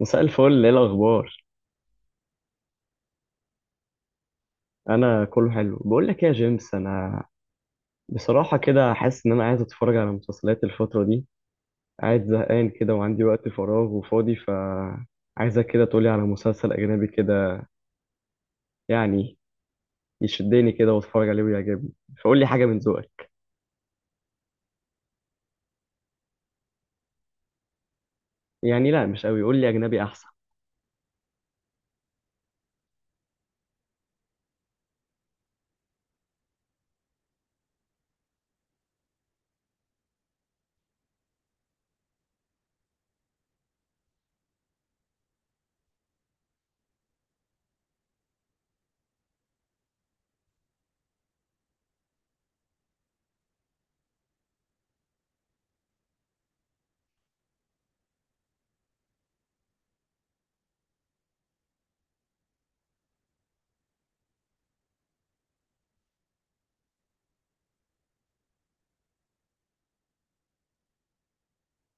مساء الفل، ايه الاخبار؟ انا كله حلو. بقول لك إيه يا جيمس، انا بصراحه كده حاسس ان انا عايز اتفرج على مسلسلات الفتره دي. قاعد زهقان كده وعندي وقت فراغ وفاضي، ف. عايزك كده تقولي على مسلسل اجنبي كده، يعني يشدني كده واتفرج عليه ويعجبني. فقول لي حاجه من ذوقك. يعني لا، مش قوي. قول لي اجنبي احسن.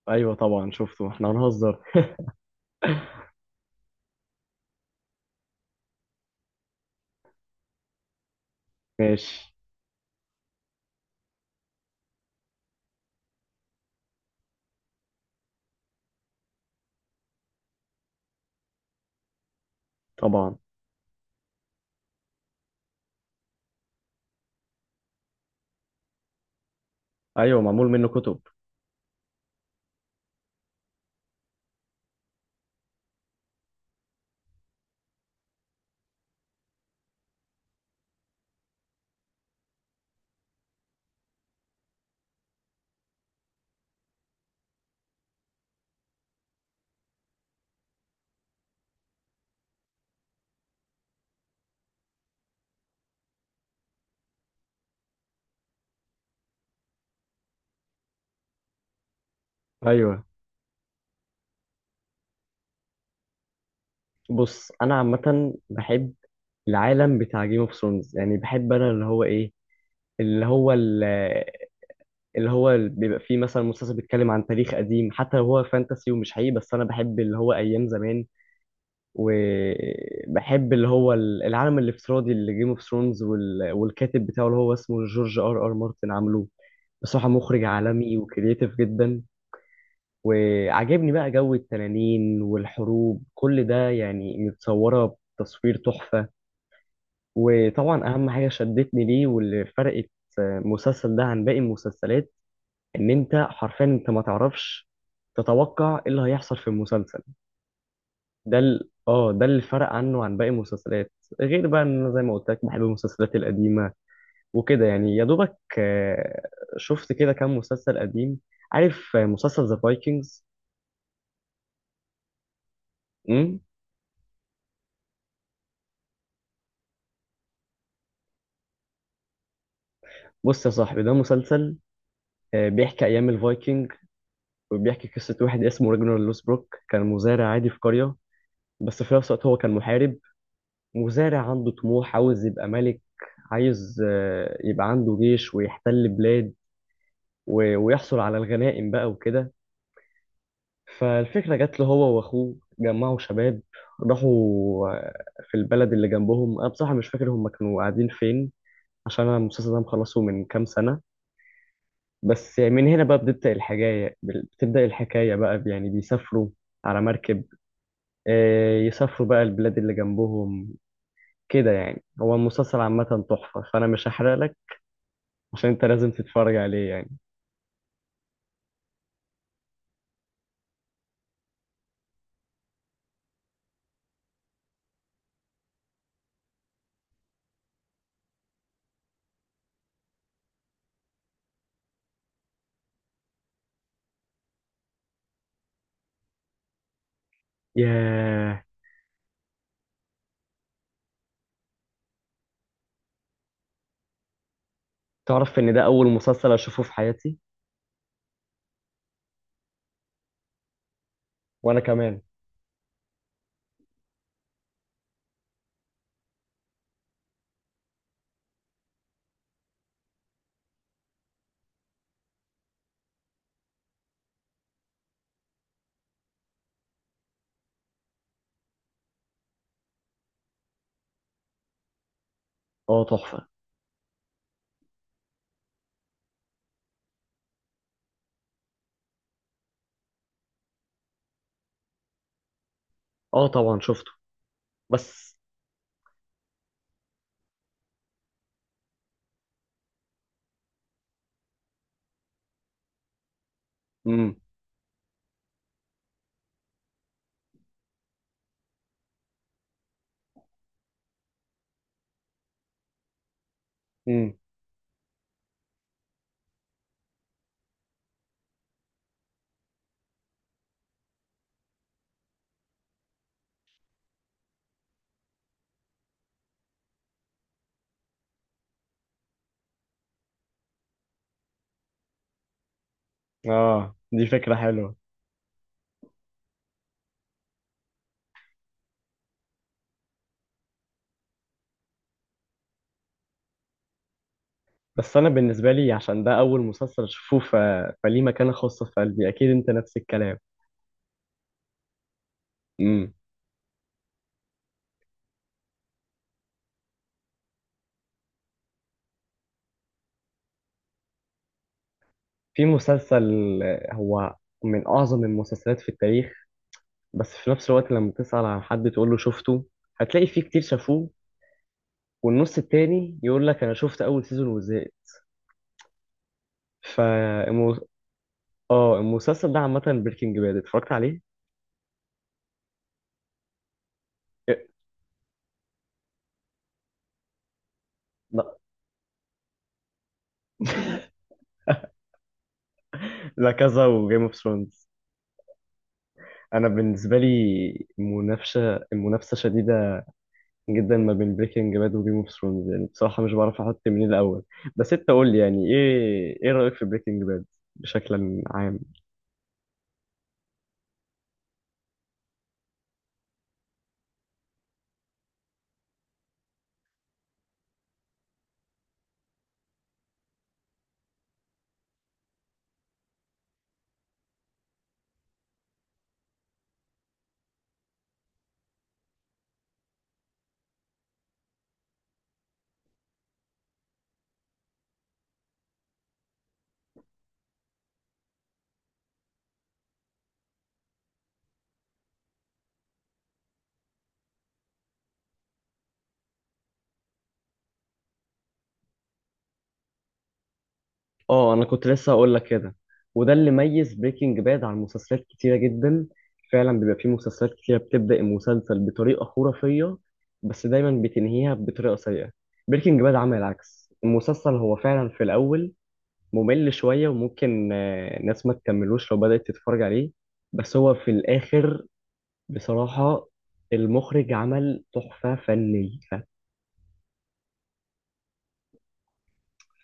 ايوه طبعا شفته، احنا هنهزر؟ ماشي. طبعا. ايوه، معمول منه كتب. ايوه. بص انا عامه بحب العالم بتاع جيم اوف ثرونز، يعني بحب انا اللي هو ال- بيبقى فيه مثلا مسلسل بيتكلم عن تاريخ قديم، حتى لو هو فانتسي ومش حقيقي، بس انا بحب اللي هو ايام زمان. وبحب اللي هو العالم الافتراضي اللي جيم اوف ثرونز. والكاتب بتاعه اللي هو اسمه جورج R.R. مارتن، عامله بصراحة مخرج عالمي وكرييتيف جدا. وعجبني بقى جو التنانين والحروب، كل ده يعني متصورة بتصوير تحفة. وطبعا أهم حاجة شدتني ليه واللي فرقت المسلسل ده عن باقي المسلسلات، ان انت حرفيا انت ما تعرفش تتوقع ايه اللي هيحصل في المسلسل. ده ال... اه ده اللي فرق عنه عن باقي المسلسلات. غير بقى ان انا زي ما قلت لك بحب المسلسلات القديمه وكده، يعني يا دوبك شفت كده كام مسلسل قديم. عارف، مسلسل ذا فايكنجز. امم. بص يا صاحبي، ده مسلسل بيحكي ايام الفايكنج، وبيحكي قصه واحد اسمه راجنر لوسبروك، كان مزارع عادي في قريه. بس في نفس الوقت هو كان محارب، مزارع عنده طموح، عاوز يبقى ملك. عايز يبقى عنده جيش ويحتل بلاد ويحصل على الغنائم بقى وكده. فالفكرة جات له هو وأخوه، جمعوا شباب راحوا آه، في البلد اللي جنبهم. أنا بصراحة مش فاكر هم كانوا قاعدين فين، عشان أنا المسلسل ده مخلصه من كام سنة. بس يعني من هنا بقى بتبدأ الحكاية، بتبدأ الحكاية بقى يعني بيسافروا على مركب، يسافروا بقى البلاد اللي جنبهم. كده يعني هو المسلسل عامة تحفة، فأنا مش هحرق لك. عشان انت لازم تتفرج عليه يعني. ياه. تعرف ان ده اول مسلسل اشوفه في حياتي. وانا كمان. اه تحفة. اه طبعا شفته. بس. امم. امم. اه دي فكرة حلوة. بس انا بالنسبة لي عشان ده اول مسلسل اشوفه فليه مكانة خاصة في قلبي. اكيد انت نفس الكلام. امم. في مسلسل هو من اعظم المسلسلات في التاريخ، بس في نفس الوقت لما تسأل عن حد تقول له شفته، هتلاقي فيه كتير شافوه، والنص التاني يقول لك انا شفت اول سيزون وزهقت. ف. المو- اه المسلسل ده عامة، بريكنج باد اتفرجت عليه؟ إيه، لا، لا كذا وجيم اوف ثرونز. انا بالنسبة لي منافسة، المنافسة شديدة جدا ما بين بريكنج باد وجيم اوف ثرونز، يعني بصراحة مش بعرف احط مين الاول. بس انت قول لي يعني ايه، ايه رأيك في بريكنج باد بشكل عام؟ اه انا كنت لسه هقول لك كده. وده اللي ميز بريكنج باد عن مسلسلات كتيره جدا. فعلا بيبقى فيه مسلسلات كتيره بتبدا المسلسل بطريقه خرافيه بس دايما بتنهيها بطريقه سيئه. بريكنج باد عمل العكس، المسلسل هو فعلا في الاول ممل شويه، وممكن ناس ما تكملوش لو بدات تتفرج عليه. بس هو في الاخر بصراحه المخرج عمل تحفه فنيه.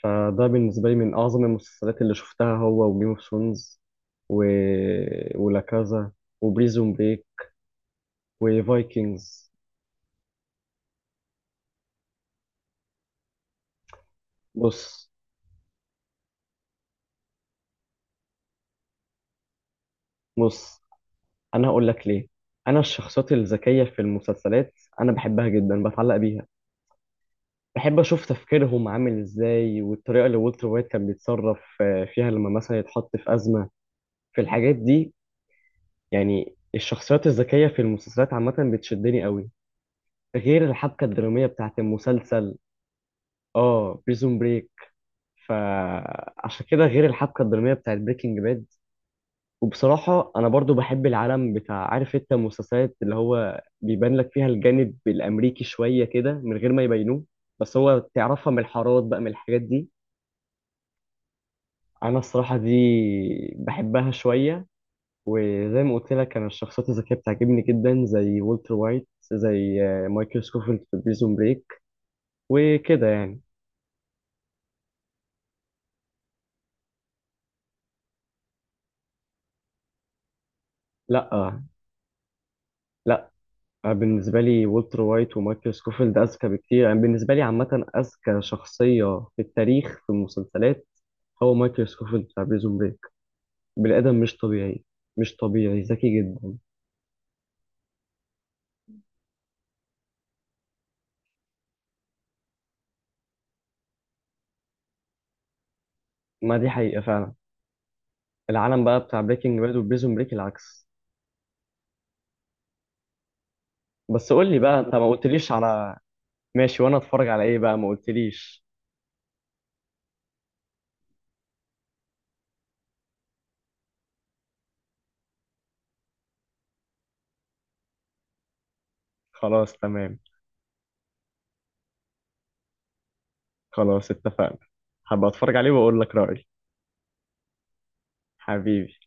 فده بالنسبة لي من أعظم المسلسلات اللي شفتها، هو وجيم اوف ثرونز و... ولا كازا وبريزون بريك وفايكنجز. بص، بص أنا هقول لك ليه. أنا الشخصيات الذكية في المسلسلات أنا بحبها جدا، بتعلق بيها. بحب أشوف تفكيرهم عامل إزاي، والطريقة اللي والتر وايت كان بيتصرف فيها لما مثلا يتحط في أزمة، في الحاجات دي. يعني الشخصيات الذكية في المسلسلات عامة بتشدني قوي، غير الحبكة الدرامية بتاعت المسلسل. اه بريزون بريك. فعشان كده غير الحبكه الدراميه بتاعت بريكنج باد، وبصراحه انا برضو بحب العالم بتاع، عارف انت المسلسلات اللي هو بيبان لك فيها الجانب الامريكي شويه كده من غير ما يبينوه، بس هو تعرفها من الحارات بقى، من الحاجات دي. انا الصراحه دي بحبها شويه. وزي ما قلت لك انا الشخصيات الذكيه بتعجبني جدا زي والتر وايت، زي مايكل سكوفيلد في بريزون بريك، وكده يعني. لا، لا أنا بالنسبة لي والتر وايت ومايكل سكوفيلد أذكى بكتير. يعني بالنسبة لي عامة أذكى شخصية في التاريخ في المسلسلات هو مايكل سكوفيلد بتاع بريزون بريك، بني آدم مش طبيعي. مش طبيعي ذكي جدا. ما دي حقيقة فعلا. العالم بقى بتاع بريكنج باد وبريزون بريك العكس. بس قول لي بقى، أنت ما قلتليش على. ماشي، وأنا أتفرج على إيه بقى؟ ما قلتليش. خلاص تمام. خلاص اتفقنا. هبقى أتفرج عليه وأقول لك رأيي. حبيبي.